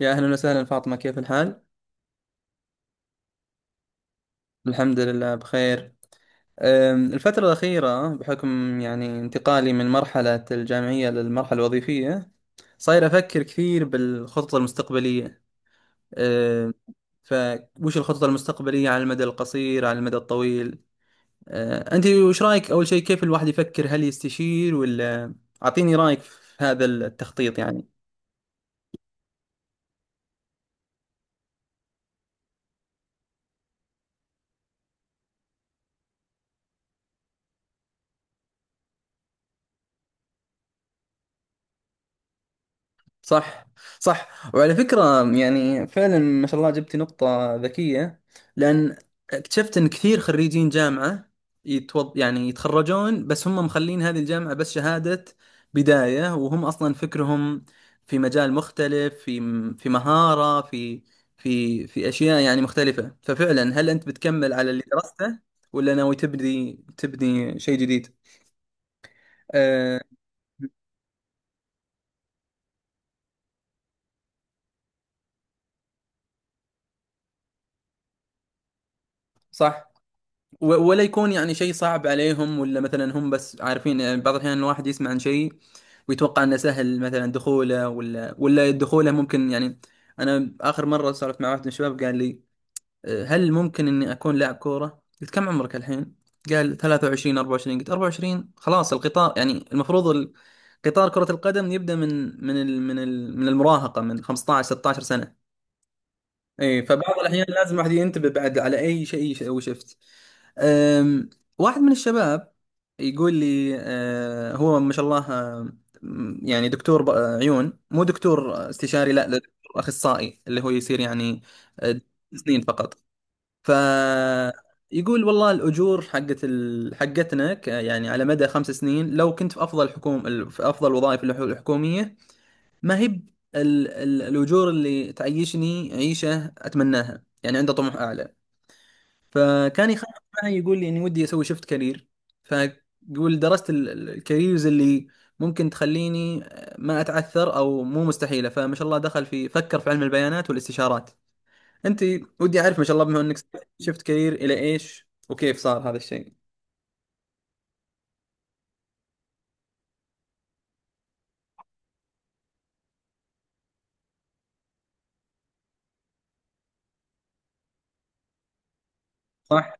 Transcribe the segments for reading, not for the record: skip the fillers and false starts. يا أهلا وسهلا فاطمة، كيف الحال؟ الحمد لله بخير. الفترة الأخيرة بحكم يعني انتقالي من مرحلة الجامعية للمرحلة الوظيفية، صاير أفكر كثير بالخطط المستقبلية. أم، فوش الخطط المستقبلية على المدى القصير على المدى الطويل. أنت وش رأيك أول شيء؟ كيف الواحد يفكر؟ هل يستشير ولا؟ أعطيني رأيك في هذا التخطيط يعني. صح، صح. وعلى فكرة يعني فعلا ما شاء الله جبتي نقطة ذكية. لأن اكتشفت أن كثير خريجين جامعة يعني يتخرجون، بس هم مخلين هذه الجامعة بس شهادة بداية، وهم أصلا فكرهم في مجال مختلف، في مهارة، في في أشياء يعني مختلفة. ففعلا هل أنت بتكمل على اللي درسته، ولا ناوي تبدي شيء جديد؟ أه... صح. ولا يكون يعني شيء صعب عليهم، ولا مثلا هم بس عارفين؟ يعني بعض الأحيان الواحد يسمع عن شيء ويتوقع انه سهل مثلا دخوله، ولا دخوله ممكن يعني. انا اخر مره سولفت مع واحد من الشباب قال لي هل ممكن اني اكون لاعب كوره؟ قلت كم عمرك الحين؟ قال 23 24. قلت 24 خلاص، القطار يعني المفروض قطار كرة القدم يبدأ من المراهقة، من 15 16 سنة. ايه، فبعض الاحيان لازم الواحد ينتبه بعد على اي شيء هو شفت. أم، واحد من الشباب يقول لي هو ما شاء الله، يعني دكتور عيون، مو دكتور استشاري، لا، ده دكتور اخصائي، اللي هو يصير يعني أه، سنين فقط. فيقول والله الاجور حقت حقتنا يعني على مدى 5 سنين لو كنت في افضل في افضل وظائف الحكوميه، ما هي ال الأجور اللي تعيشني عيشة أتمناها. يعني عنده طموح أعلى. فكان يخاف معي، يقول لي إني ودي أسوي شفت كارير. فيقول درست الكاريرز اللي ممكن تخليني ما أتعثر أو مو مستحيلة، فما شاء الله دخل في فكر في علم البيانات والاستشارات. أنت ودي أعرف، ما شاء الله، بما إنك شفت كارير إلى إيش وكيف صار هذا الشيء. صح،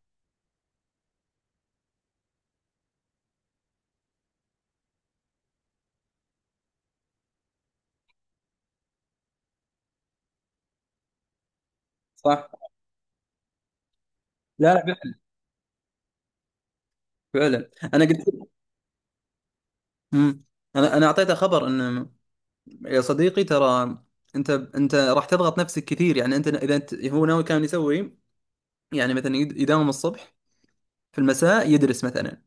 صح. لا، لا، فعلا أنا قلت. مم. أنا أعطيته خبر إنه يا صديقي ترى انت راح تضغط نفسك كثير. يعني انت، اذا انت هو ناوي كان يسوي يعني مثلا يداوم الصبح، في المساء يدرس مثلا.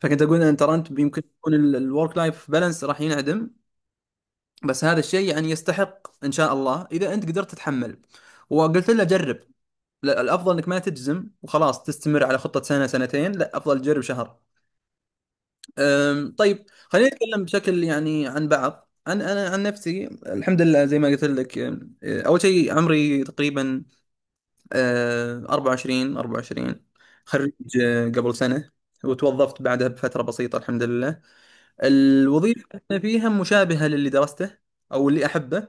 فكنت اقول ان ترى انت يمكن يكون الورك لايف بالانس راح ينعدم، بس هذا الشيء يعني يستحق ان شاء الله اذا انت قدرت تتحمل. وقلت له جرب. لا، الافضل انك ما تجزم وخلاص تستمر على خطة سنة سنتين. لا، افضل تجرب شهر. طيب خلينا نتكلم بشكل يعني عن بعض، عن انا عن نفسي. الحمد لله زي ما قلت لك، أم، أه، اول شيء عمري تقريبا 24 24، خريج قبل سنة، وتوظفت بعدها بفترة بسيطة الحمد لله. الوظيفة اللي أنا فيها مشابهة للي درسته او اللي احبه،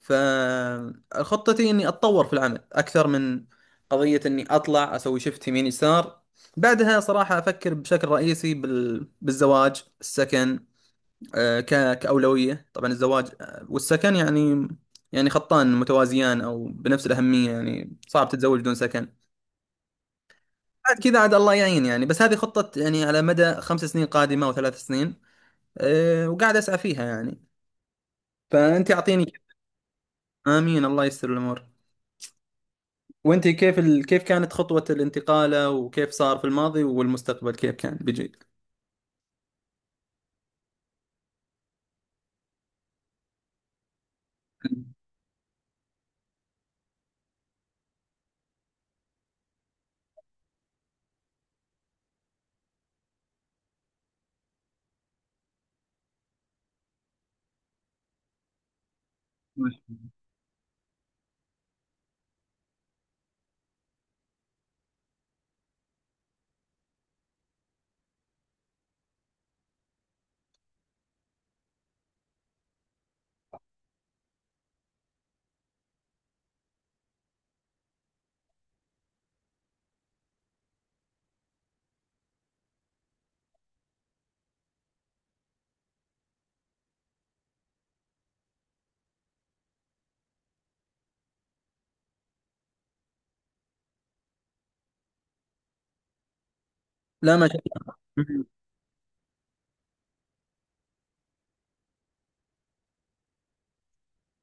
فخطتي اني اتطور في العمل اكثر من قضية اني اطلع اسوي شفت يمين يسار. بعدها صراحة أفكر بشكل رئيسي بالزواج، السكن، كأولوية طبعا الزواج، والسكن. يعني يعني خطان متوازيان أو بنفس الأهمية، يعني صعب تتزوج بدون سكن. بعد كذا عاد الله يعين يعني، بس هذه خطة يعني على مدى خمس سنين قادمة أو 3 سنين. وقاعد أسعى فيها يعني. فأنت أعطيني كذا. آمين، الله يسر الأمور. وأنت كيف كيف كانت خطوة الانتقالة؟ وكيف صار في الماضي والمستقبل كيف كان بيجي؟ لا ما شاء الله.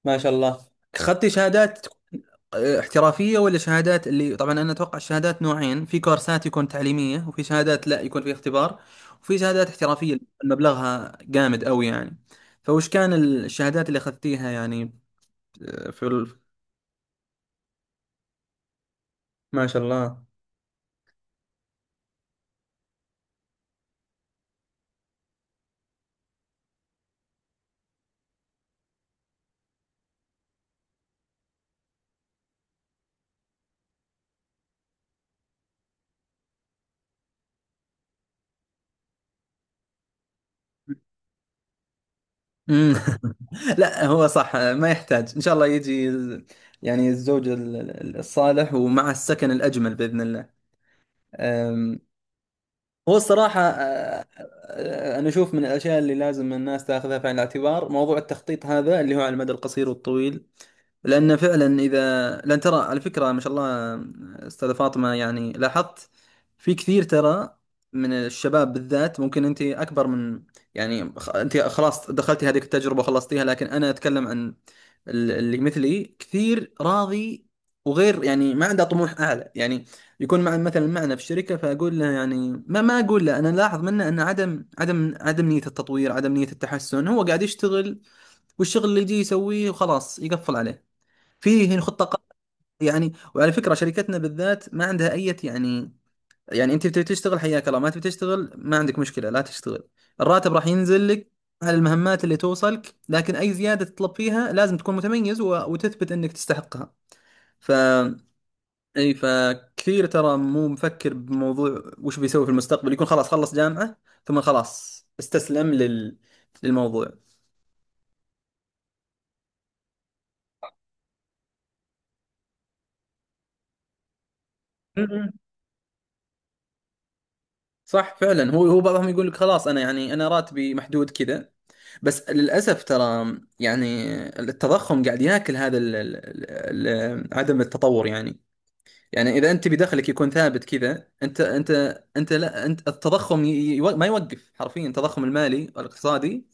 ما شاء الله. أخذتي شهادات احترافية ولا شهادات؟ اللي طبعا أنا أتوقع الشهادات نوعين، في كورسات يكون تعليمية، وفي شهادات لا يكون في اختبار، وفي شهادات احترافية اللي يكون مبلغها جامد أوي يعني. فوش كان الشهادات اللي أخذتيها يعني في ما شاء الله. مم. لا هو صح، ما يحتاج، إن شاء الله يجي يعني الزوج الصالح، ومع السكن الأجمل بإذن الله. أم، هو الصراحة، أنا أشوف من الأشياء اللي لازم الناس تأخذها في عين الاعتبار موضوع التخطيط هذا اللي هو على المدى القصير والطويل. لأن فعلا إذا، لأن ترى على فكرة ما شاء الله، أستاذة فاطمة، يعني لاحظت في كثير ترى من الشباب بالذات. ممكن أنت أكبر من، يعني أنت خلاص دخلتي هذه التجربة وخلصتيها، لكن أنا أتكلم عن اللي مثلي كثير راضي وغير يعني ما عنده طموح أعلى، يعني يكون مع مثلا معنا في الشركة فأقول له يعني، ما أقول له أنا لاحظ منه أن عدم نية التطوير، عدم نية التحسن. هو قاعد يشتغل والشغل اللي يجي يسويه وخلاص يقفل عليه. فيه هنا خطة يعني. وعلى فكرة شركتنا بالذات ما عندها أي يعني، يعني أنت بتبي تشتغل حياك الله، ما تبي تشتغل ما عندك مشكلة لا تشتغل. الراتب راح ينزل لك على المهمات اللي توصلك، لكن أي زيادة تطلب فيها لازم تكون متميز وتثبت أنك تستحقها. ف أي، فكثير ترى مو مفكر بموضوع وش بيسوي في المستقبل، يكون خلاص خلص جامعة ثم خلاص استسلم للموضوع. صح فعلا، هو بعضهم يقول لك خلاص انا، يعني انا راتبي محدود كذا. بس للاسف ترى يعني التضخم قاعد ياكل هذا ال عدم التطور يعني. يعني اذا انت بدخلك يكون ثابت كذا، انت لا، انت التضخم ما يوقف، حرفيا التضخم المالي والاقتصادي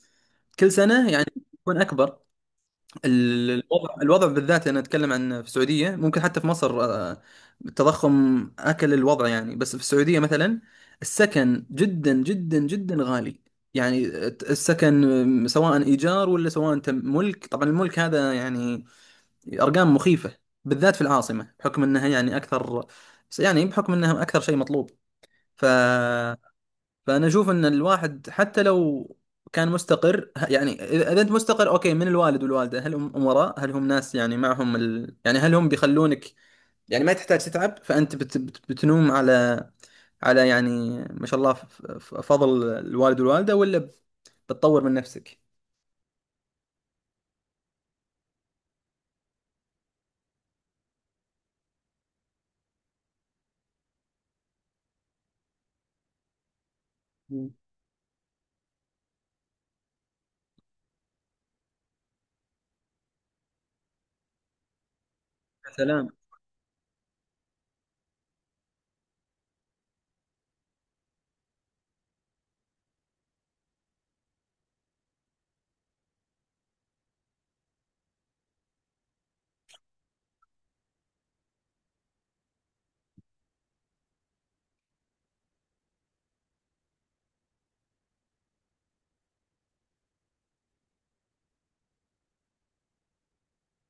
كل سنه يعني يكون اكبر. الوضع، الوضع بالذات انا اتكلم عن في السعوديه، ممكن حتى في مصر. التضخم اكل الوضع يعني. بس في السعوديه مثلا السكن جدا جدا جدا غالي. يعني السكن، سواء ايجار ولا سواء انت ملك، طبعا الملك هذا يعني ارقام مخيفه، بالذات في العاصمه بحكم انها يعني اكثر، يعني بحكم انها اكثر شيء مطلوب. ف فانا اشوف ان الواحد حتى لو كان مستقر، يعني اذا انت مستقر اوكي، من الوالد والوالده. هل هم امراء؟ هل هم ناس يعني معهم يعني هل هم بيخلونك يعني ما تحتاج تتعب؟ فانت بتنوم على، يعني ما شاء الله، فضل الوالد والوالده، ولا بتطور من نفسك؟ مم. يا سلام.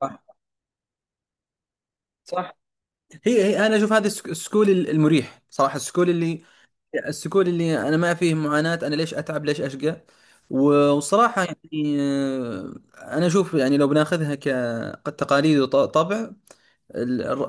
صح، صح. هي انا اشوف هذا، السكول المريح صراحه، السكول اللي انا ما فيه معاناة. انا ليش اتعب؟ ليش اشقى؟ وصراحة يعني، انا اشوف يعني لو بناخذها كتقاليد وطبع،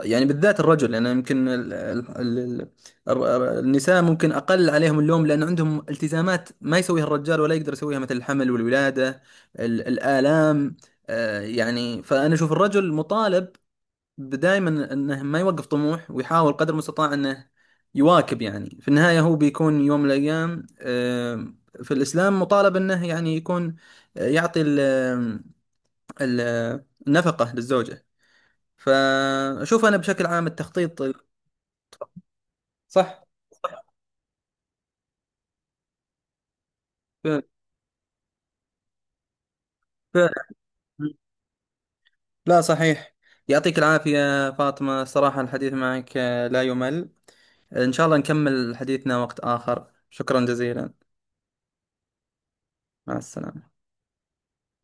يعني بالذات الرجل، يعني يمكن النساء ممكن اقل عليهم اللوم لان عندهم التزامات ما يسويها الرجال ولا يقدر يسويها، مثل الحمل والولادة، الآلام. يعني فانا اشوف الرجل مطالب دائما انه ما يوقف طموح، ويحاول قدر المستطاع انه يواكب. يعني في النهاية هو بيكون يوم من الايام، في الاسلام مطالب انه يعني يكون، يعطي ال- النفقة للزوجة. فاشوف انا بشكل عام التخطيط. صح. ف... ف... لا، صحيح. يعطيك العافية فاطمة، صراحة الحديث معك لا يمل. ان شاء الله نكمل حديثنا وقت اخر، شكرا جزيلا. مع السلامة.